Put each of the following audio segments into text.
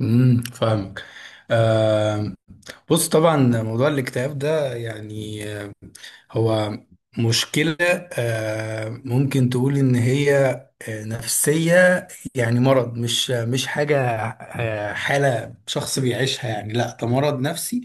فاهمك. آه بص، طبعا موضوع الاكتئاب ده يعني هو مشكلة، ممكن تقول إن هي نفسية، يعني مرض، مش حاجة حالة شخص بيعيشها. يعني لا، ده مرض نفسي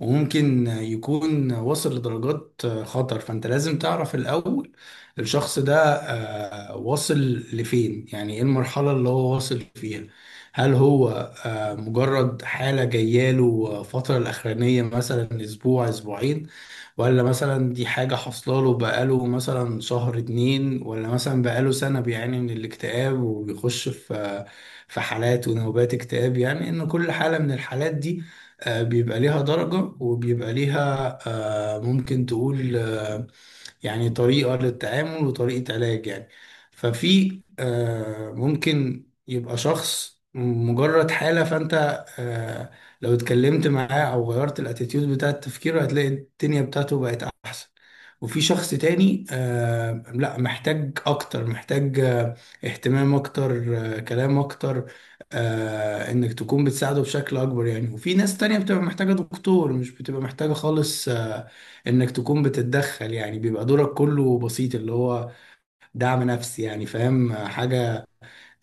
وممكن يكون واصل لدرجات خطر. فأنت لازم تعرف الأول الشخص ده واصل لفين، يعني إيه المرحلة اللي هو واصل فيها. هل هو مجرد حالة جاية له فترة الأخرانية مثلا أسبوع أسبوعين، ولا مثلا دي حاجة حاصلة له بقاله مثلا شهر اتنين، ولا مثلا بقاله سنة بيعاني من الاكتئاب وبيخش في حالات ونوبات اكتئاب. يعني إن كل حالة من الحالات دي بيبقى ليها درجة وبيبقى ليها آه، ممكن تقول آه، يعني طريقة للتعامل وطريقة علاج. يعني ففي ممكن يبقى شخص مجرد حالة، فأنت لو اتكلمت معاه أو غيرت الاتيتيود بتاع تفكيره هتلاقي الدنيا بتاعته بقت أحسن. وفي شخص تاني لا، محتاج أكتر، محتاج اهتمام أكتر، كلام أكتر، إنك تكون بتساعده بشكل أكبر. يعني وفي ناس تانية بتبقى محتاجة دكتور، مش بتبقى محتاجة خالص انك تكون بتتدخل. يعني بيبقى دورك كله بسيط، اللي هو دعم نفسي. يعني فاهم حاجة،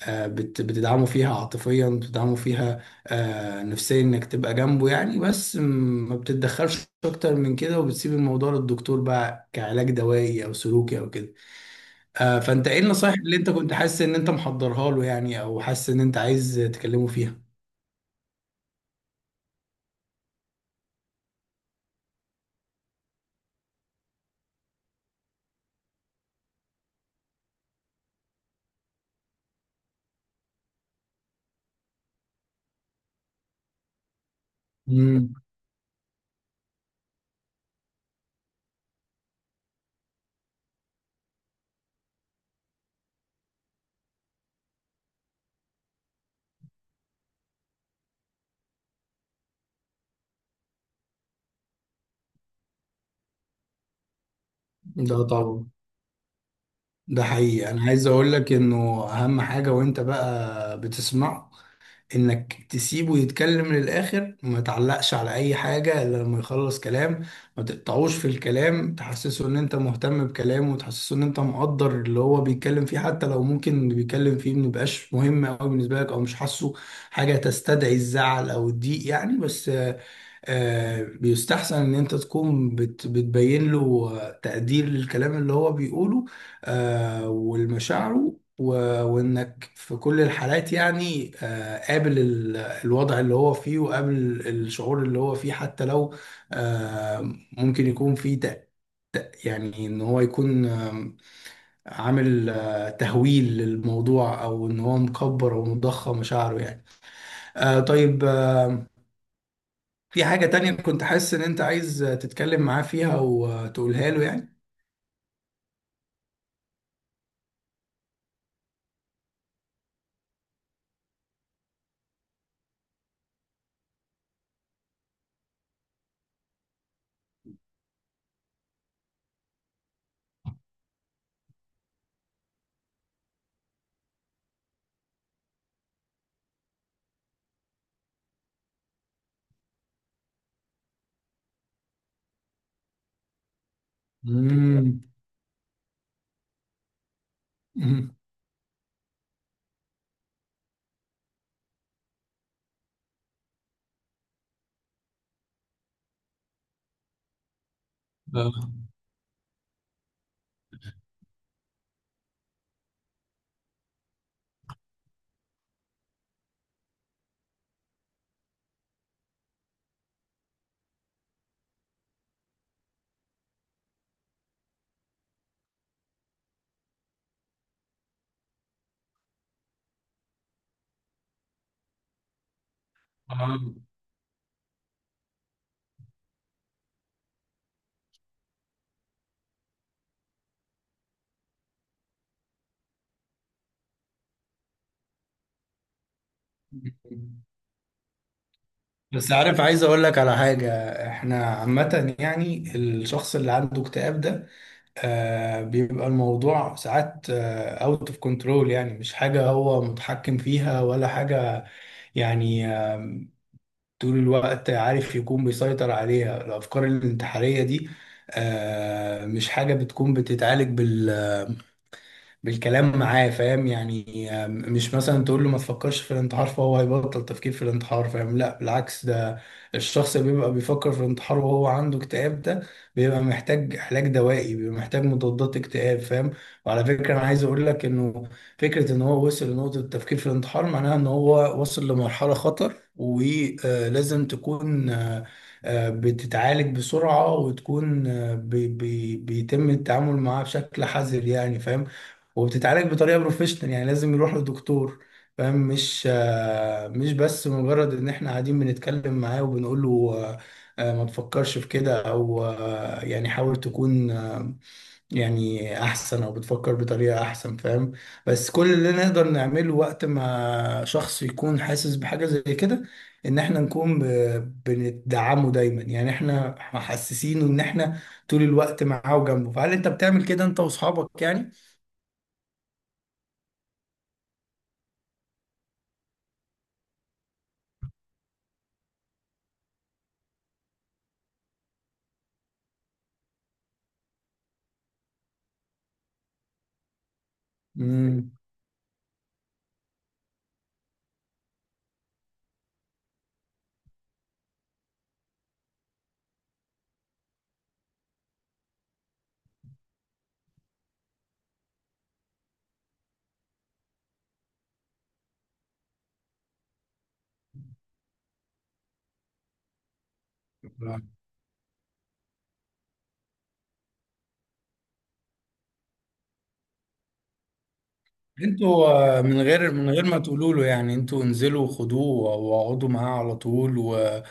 بتدعمه فيها عاطفيا، بتدعمه فيها نفسيا، انك تبقى جنبه. يعني بس ما بتتدخلش اكتر من كده وبتسيب الموضوع للدكتور بقى كعلاج دوائي او سلوكي او كده. فانت ايه النصايح اللي انت كنت حاسس ان انت محضرها له، يعني او حاسس ان انت عايز تكلمه فيها؟ امم ده طبعا، ده حقيقي. انا عايز اقول لك انه اهم حاجة وانت بقى بتسمعه انك تسيبه يتكلم للاخر وما تعلقش على اي حاجة الا لما يخلص كلام. ما تقطعوش في الكلام، تحسسه ان انت مهتم بكلامه وتحسسه ان انت مقدر اللي هو بيتكلم فيه، حتى لو ممكن اللي بيتكلم فيه ما يبقاش مهم قوي بالنسبة لك، او مش حاسه حاجة تستدعي الزعل او الضيق. يعني بس بيستحسن ان انت تكون بتبين له تقدير للكلام اللي هو بيقوله والمشاعره، وانك في كل الحالات يعني قابل الوضع اللي هو فيه، وقابل الشعور اللي هو فيه، حتى لو آه، ممكن يكون فيه يعني ان هو يكون عامل تهويل للموضوع، او ان هو مكبر او مضخم مشاعره. يعني طيب، في حاجة تانية كنت حاسس إن أنت عايز تتكلم معاه فيها وتقولها له يعني؟ مم. مم. آه. آه. بس عارف، عايز اقول لك على حاجة. احنا عامة يعني الشخص اللي عنده اكتئاب ده بيبقى الموضوع ساعات اوت اوف كنترول، يعني مش حاجة هو متحكم فيها ولا حاجة. يعني طول الوقت عارف يكون بيسيطر عليها الافكار الانتحارية دي. مش حاجة بتكون بتتعالج بالكلام معاه. فاهم يعني مش مثلا تقول له ما تفكرش في الانتحار فهو هيبطل تفكير في الانتحار. فاهم؟ لا بالعكس، ده الشخص اللي بيبقى بيفكر في الانتحار وهو عنده اكتئاب ده بيبقى محتاج علاج دوائي، بيبقى محتاج مضادات اكتئاب. فاهم؟ وعلى فكرة انا عايز اقول لك انه فكرة ان هو وصل لنقطة التفكير في الانتحار معناها ان هو وصل لمرحلة خطر، ولازم تكون بتتعالج بسرعة، وتكون بيتم التعامل معاه بشكل حذر. يعني فاهم؟ وبتتعالج بطريقه بروفيشنال، يعني لازم يروح لدكتور. فاهم؟ مش مش بس مجرد ان احنا قاعدين بنتكلم معاه وبنقول له آه، ما تفكرش في كده، او يعني حاول تكون يعني احسن او بتفكر بطريقه احسن. فاهم؟ بس كل اللي نقدر نعمله وقت ما شخص يكون حاسس بحاجه زي كده ان احنا نكون بندعمه دايما، يعني احنا محسسينه ان احنا طول الوقت معاه وجنبه. فهل انت بتعمل كده انت واصحابك؟ يعني آه. انتوا من غير ما تقولوا له يعني، انتوا انزلوا وخدوه واقعدوا معاه على طول وما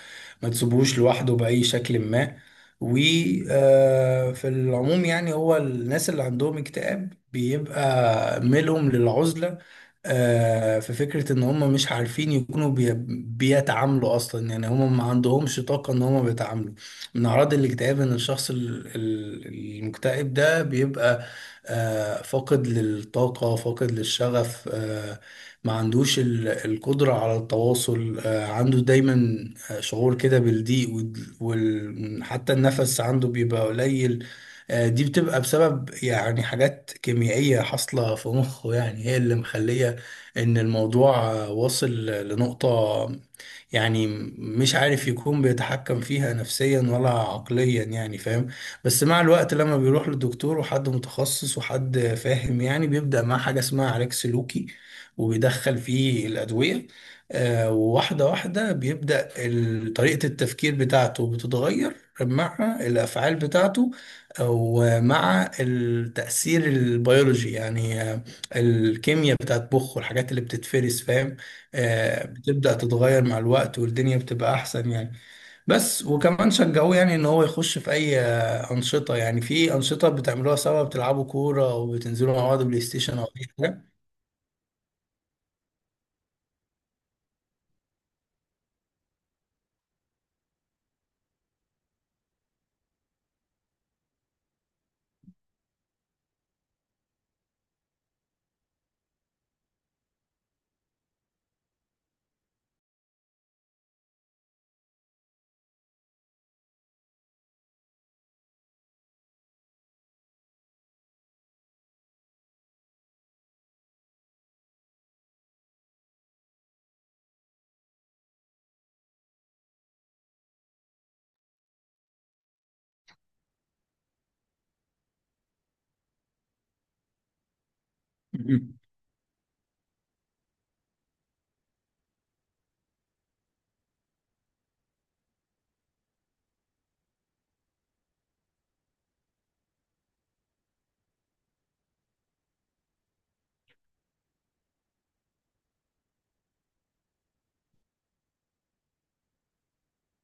تسيبوهوش لوحده بأي شكل ما. وفي العموم يعني هو الناس اللي عندهم اكتئاب بيبقى ميلهم للعزلة. في فكرة ان هم مش عارفين يكونوا بيتعاملوا اصلا. يعني هم ما عندهمش طاقة ان هم بيتعاملوا. من اعراض الاكتئاب ان الشخص المكتئب ده بيبقى فاقد للطاقة، فاقد للشغف، ما عندوش القدرة على التواصل. عنده دايما شعور كده بالضيق حتى النفس عنده بيبقى قليل. دي بتبقى بسبب يعني حاجات كيميائية حاصلة في مخه. يعني هي اللي مخلية ان الموضوع واصل لنقطة يعني مش عارف، يكون بيتحكم فيها نفسيا ولا عقليا. يعني فاهم؟ بس مع الوقت لما بيروح للدكتور وحد متخصص وحد فاهم، يعني بيبدأ مع حاجة اسمها علاج سلوكي وبيدخل فيه الأدوية. وواحدة واحدة بيبدأ طريقة التفكير بتاعته بتتغير مع الأفعال بتاعته، ومع التأثير البيولوجي، يعني الكيمياء بتاعت مخه والحاجات اللي بتتفرز. فاهم؟ بتبدأ تتغير مع الوقت والدنيا بتبقى أحسن. يعني بس وكمان شجعوه يعني ان هو يخش في اي انشطه، يعني في انشطه بتعملوها سوا، بتلعبوا كوره وبتنزلوا مع بعض بلاي ستيشن او اي حاجه.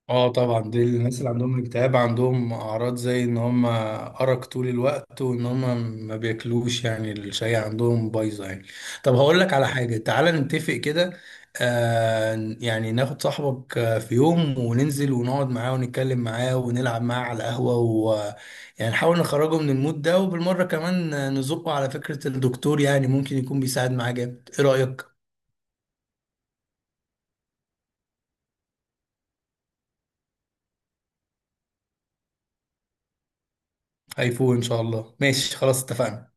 اه طبعا، دي الناس اللي عندهم اكتئاب عندهم اعراض زي ان هم ارق طول الوقت وان هم ما بياكلوش. يعني الشاي عندهم بايظه يعني. طب هقول لك على حاجه، تعالى نتفق كده. يعني ناخد صاحبك في يوم وننزل ونقعد معاه ونتكلم معاه ونلعب معاه على القهوه، ويعني نحاول نخرجه من المود ده، وبالمره كمان نزقه على فكره الدكتور، يعني ممكن يكون بيساعد معاه جامد. ايه رايك؟ هيفوق ان شاء الله، ماشي خلاص، اتفقنا.